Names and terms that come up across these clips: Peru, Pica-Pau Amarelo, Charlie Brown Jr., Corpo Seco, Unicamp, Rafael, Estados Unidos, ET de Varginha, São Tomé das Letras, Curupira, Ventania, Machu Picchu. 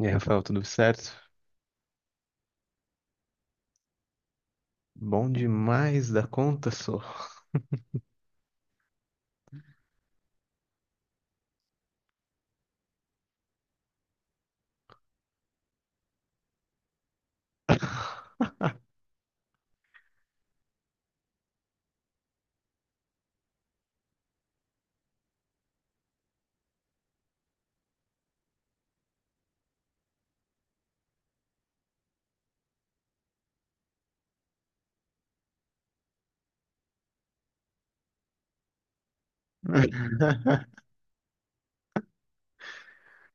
E aí, Rafael, tudo certo? Bom demais da conta, só.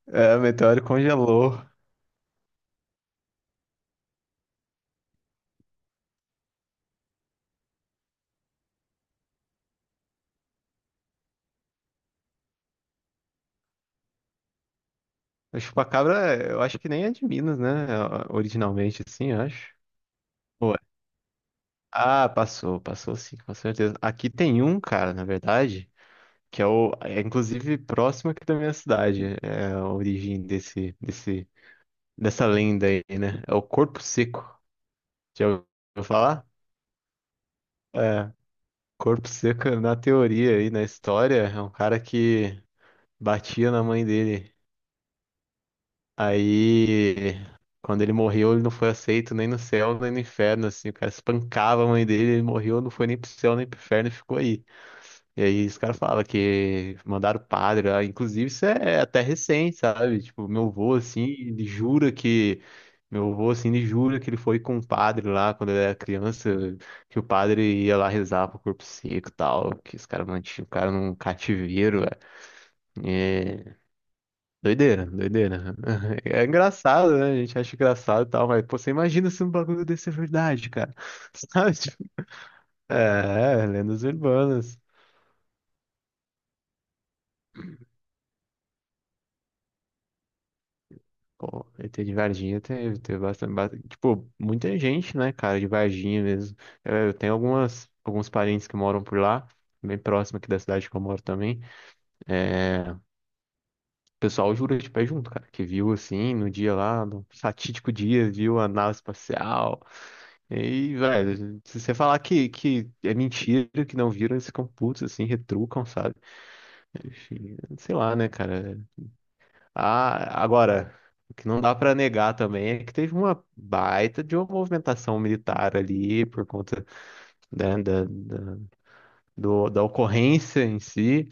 É, o meteoro congelou. A chupacabra, eu acho que nem é de Minas, né? Originalmente, assim, eu acho. Ou é? Ah, passou, passou sim, com certeza. Aqui tem um, cara, na verdade, que é o, é inclusive próximo aqui da minha cidade. É a origem dessa lenda aí, né? É o Corpo Seco. Já ouviu falar? É. Corpo Seca, na teoria e na história, é um cara que batia na mãe dele. Aí, quando ele morreu, ele não foi aceito nem no céu, nem no inferno, assim. O cara espancava a mãe dele, ele morreu, não foi nem pro céu, nem pro inferno, e ficou aí. E aí os caras falam que mandaram o padre lá. Inclusive, isso é até recente, sabe? Tipo, meu avô, assim, ele jura que. Meu avô, assim, ele jura que ele foi com o padre lá quando ele era criança, que o padre ia lá rezar pro corpo seco e tal, que os caras mantinham o cara num cativeiro, velho. É doideira, doideira. É engraçado, né? A gente acha engraçado e tal, mas, pô, você imagina se um bagulho desse é verdade, cara. Sabe? Tipo, é, lendas urbanas. Pô, ET de Varginha teve, tipo, muita gente, né, cara, de Varginha mesmo. Eu tenho algumas, alguns parentes que moram por lá, bem próximo aqui da cidade que eu moro também. É, o pessoal jura de pé junto, cara, que viu, assim, no dia lá, no fatídico dia, viu a nave espacial. E, velho, se você falar que é mentira, que não viram, eles ficam putos, assim, retrucam, sabe? Enfim, sei lá, né, cara, ah, agora, o que não dá para negar também é que teve uma baita de uma movimentação militar ali por conta da, da, da, da ocorrência em si,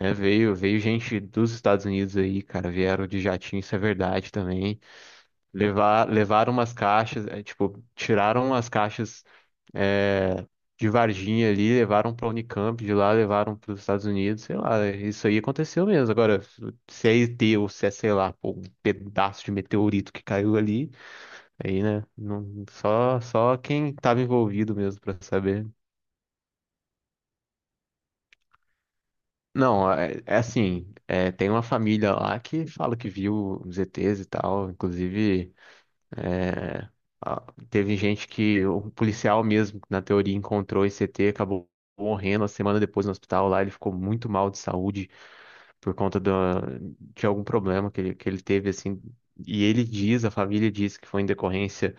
né? Veio, veio gente dos Estados Unidos aí, cara, vieram de jatinho, isso é verdade também. Levar, levaram umas caixas, é, tipo, tiraram as caixas, eh, de Varginha ali, levaram para Unicamp, de lá levaram para os Estados Unidos, sei lá, isso aí aconteceu mesmo. Agora, se é ET ou se é, sei lá, pô, um pedaço de meteorito que caiu ali, aí, né, não, só, só quem estava envolvido mesmo para saber. Não, é, é assim, é, tem uma família lá que fala que viu os ETs e tal, inclusive. É, a- teve gente que, o policial mesmo, na teoria, encontrou esse ET, acabou morrendo a semana depois no hospital lá. Ele ficou muito mal de saúde por conta de algum problema que ele teve, assim. E ele diz, a família diz que foi em decorrência,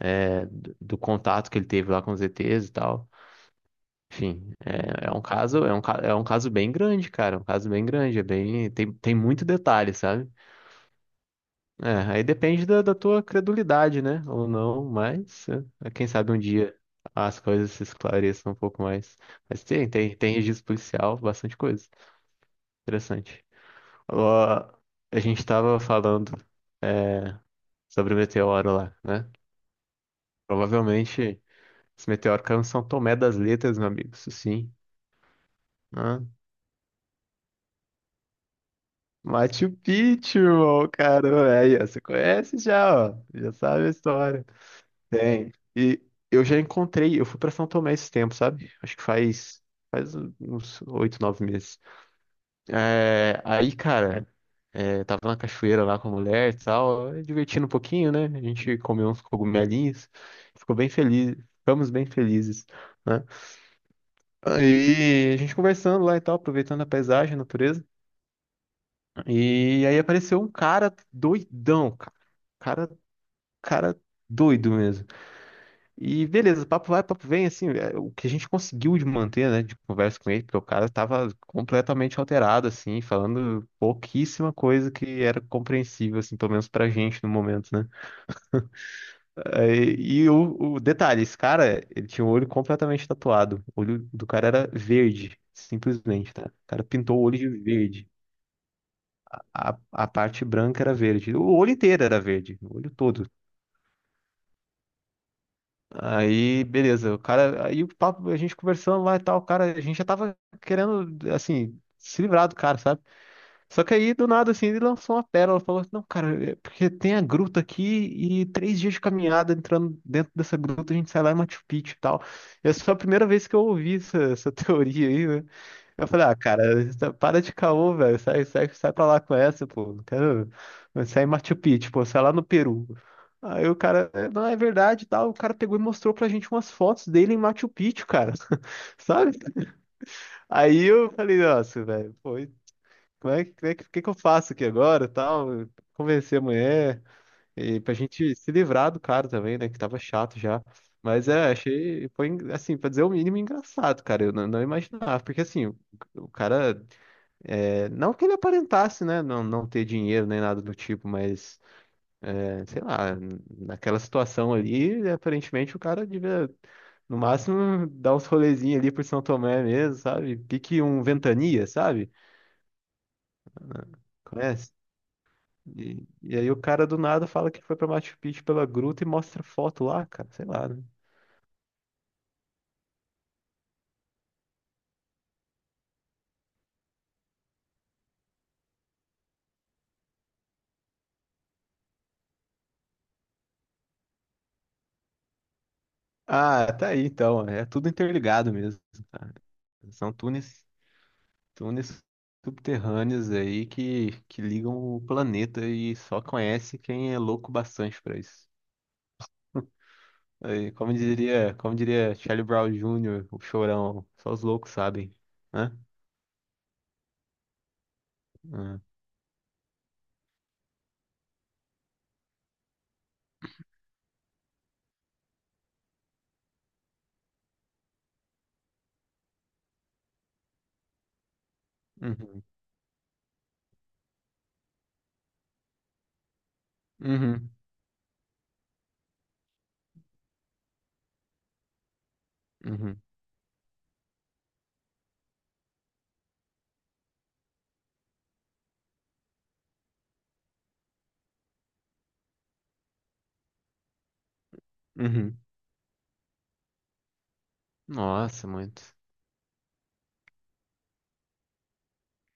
é, do contato que ele teve lá com os ETs e tal. Enfim, é, é um caso, é um, é um caso bem grande, cara. É um caso bem grande, é bem, tem, tem muito detalhe, sabe? É, aí depende da tua credulidade, né? Ou não, mas é, é, quem sabe um dia as coisas se esclareçam um pouco mais. Mas tem, tem, tem registro policial, bastante coisa. Interessante. Ó, a gente estava falando é, sobre o meteoro lá, né? Provavelmente esse meteoro caiu em São Tomé das Letras, meu amigo, isso sim, né? Machu Picchu, irmão, cara, aí, ó, você conhece já, ó, já sabe a história. Tem. E eu já encontrei, eu fui pra São Tomé esse tempo, sabe? Acho que faz, faz uns oito, nove meses. É, aí, cara, é, tava na cachoeira lá com a mulher e tal, divertindo um pouquinho, né? A gente comeu uns cogumelinhos, ficou bem feliz, ficamos bem felizes, né? Aí a gente conversando lá e tal, aproveitando a paisagem, a natureza. E aí apareceu um cara doidão, cara. Cara, cara doido mesmo. E beleza, papo vai, papo vem, assim, é, o que a gente conseguiu de manter, né, de conversa com ele, porque o cara tava completamente alterado, assim, falando pouquíssima coisa que era compreensível, assim, pelo menos pra gente no momento, né? Aí, e, o detalhe, esse cara, ele tinha o olho completamente tatuado, o olho do cara era verde, simplesmente, tá? O cara pintou o olho de verde, a parte branca era verde, o olho inteiro era verde, o olho todo. Aí, beleza, o cara, aí o papo, a gente conversando lá e tal, o cara, a gente já tava querendo, assim, se livrar do cara, sabe? Só que aí, do nada, assim, ele lançou uma pérola, falou assim, não, cara, é porque tem a gruta aqui e três dias de caminhada entrando dentro dessa gruta, a gente sai lá em Machu Picchu e tal. Essa foi a primeira vez que eu ouvi essa teoria aí, né? Eu falei, ah, cara, para de caô, velho. Sai, sai, sai pra lá com essa, pô. Não quero. Sai em Machu Picchu, pô, sai lá no Peru. Aí o cara, "É, não, é verdade, e tal. O cara pegou e mostrou pra gente umas fotos dele em Machu Picchu, cara. Sabe? Aí eu falei, nossa, velho, pô, e como é que eu faço aqui agora, e tal? Convencer a mulher e pra gente se livrar do cara também, né? Que tava chato já. Mas é, achei, foi, assim, pra dizer o mínimo, engraçado, cara. Eu não, não imaginava, porque assim, o cara. É, não que ele aparentasse, né, não ter dinheiro nem nada do tipo, mas, é, sei lá, naquela situação ali, aparentemente o cara devia, no máximo, dar uns rolezinhos ali por São Tomé mesmo, sabe? Pique um Ventania, sabe? Conhece? E aí o cara do nada fala que foi pra Machu Picchu pela gruta e mostra foto lá, cara, sei lá, né? Ah, tá aí então, é tudo interligado mesmo, são túneis subterrâneos aí que ligam o planeta e só conhece quem é louco bastante pra isso. Aí, como diria Charlie Brown Jr., o chorão, só os loucos sabem, né? Ah, uhum, uhum, uhum, uhum. Nossa, muito.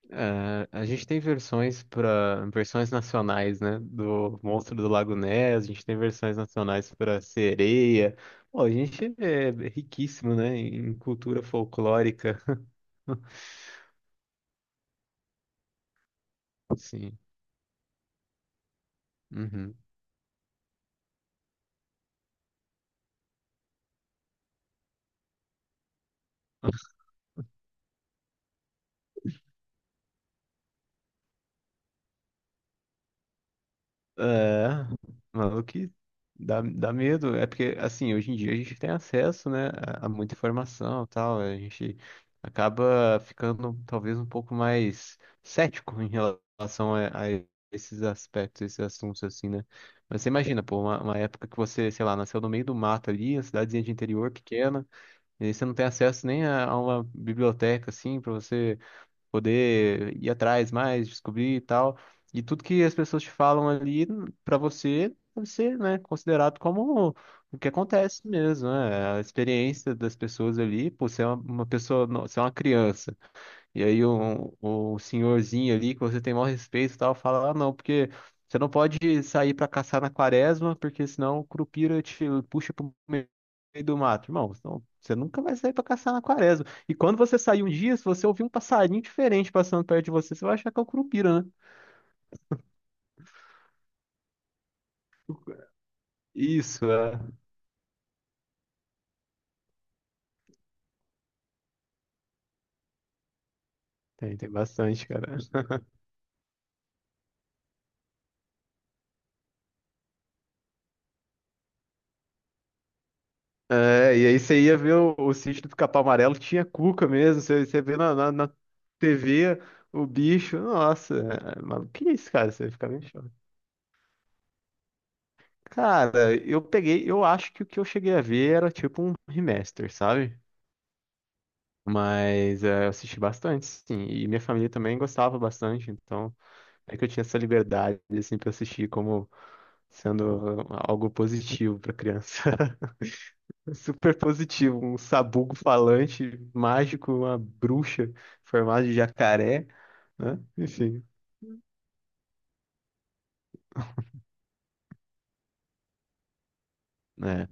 É, a gente tem versões para versões nacionais, né? Do Monstro do Lago Ness, a gente tem versões nacionais para sereia. Pô, a gente é riquíssimo, né? Em cultura folclórica. Sim. Uhum. É, mano, que dá, dá medo. É porque, assim, hoje em dia a gente tem acesso, né, a muita informação e tal. A gente acaba ficando talvez um pouco mais cético em relação a esses aspectos, esses assuntos, assim, né? Mas você imagina, pô, uma época que você, sei lá, nasceu no meio do mato ali, uma cidadezinha de interior pequena, e aí você não tem acesso nem a uma biblioteca, assim, pra você poder ir atrás mais, descobrir e tal. E tudo que as pessoas te falam ali pra você deve ser, né, considerado como o que acontece mesmo, né? A experiência das pessoas ali, pô, você é uma pessoa, você é uma criança. E aí o senhorzinho ali, que você tem maior respeito e tal, fala, ah, não, porque você não pode sair pra caçar na quaresma, porque senão o Curupira te puxa pro meio do mato. Irmão, você nunca vai sair pra caçar na quaresma. E quando você sair um dia, se você ouvir um passarinho diferente passando perto de você, você vai achar que é o Curupira, né? Isso, é. Tem, tem bastante, cara. É, e aí você ia ver o sítio do Pica-Pau Amarelo, tinha cuca mesmo, você, você vê na TV o bicho, nossa, é, mano, que é isso, cara? Você fica meio chocado. Cara, eu peguei, eu acho que o que eu cheguei a ver era tipo um remaster, sabe? Mas é, eu assisti bastante, sim, e minha família também gostava bastante, então é que eu tinha essa liberdade, assim, pra assistir como sendo algo positivo pra criança. Super positivo, um sabugo falante, mágico, uma bruxa formada de jacaré, né? Enfim, né?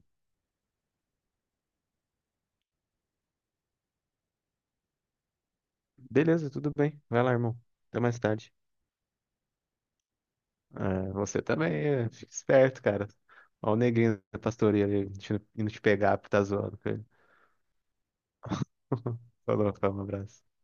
Beleza, tudo bem. Vai lá, irmão. Até mais tarde. Ah, você também, é, fica esperto, cara. Ó o negrinho da pastoria ali, indo te pegar, porque tá zoando com ele. Falou, cara, um abraço.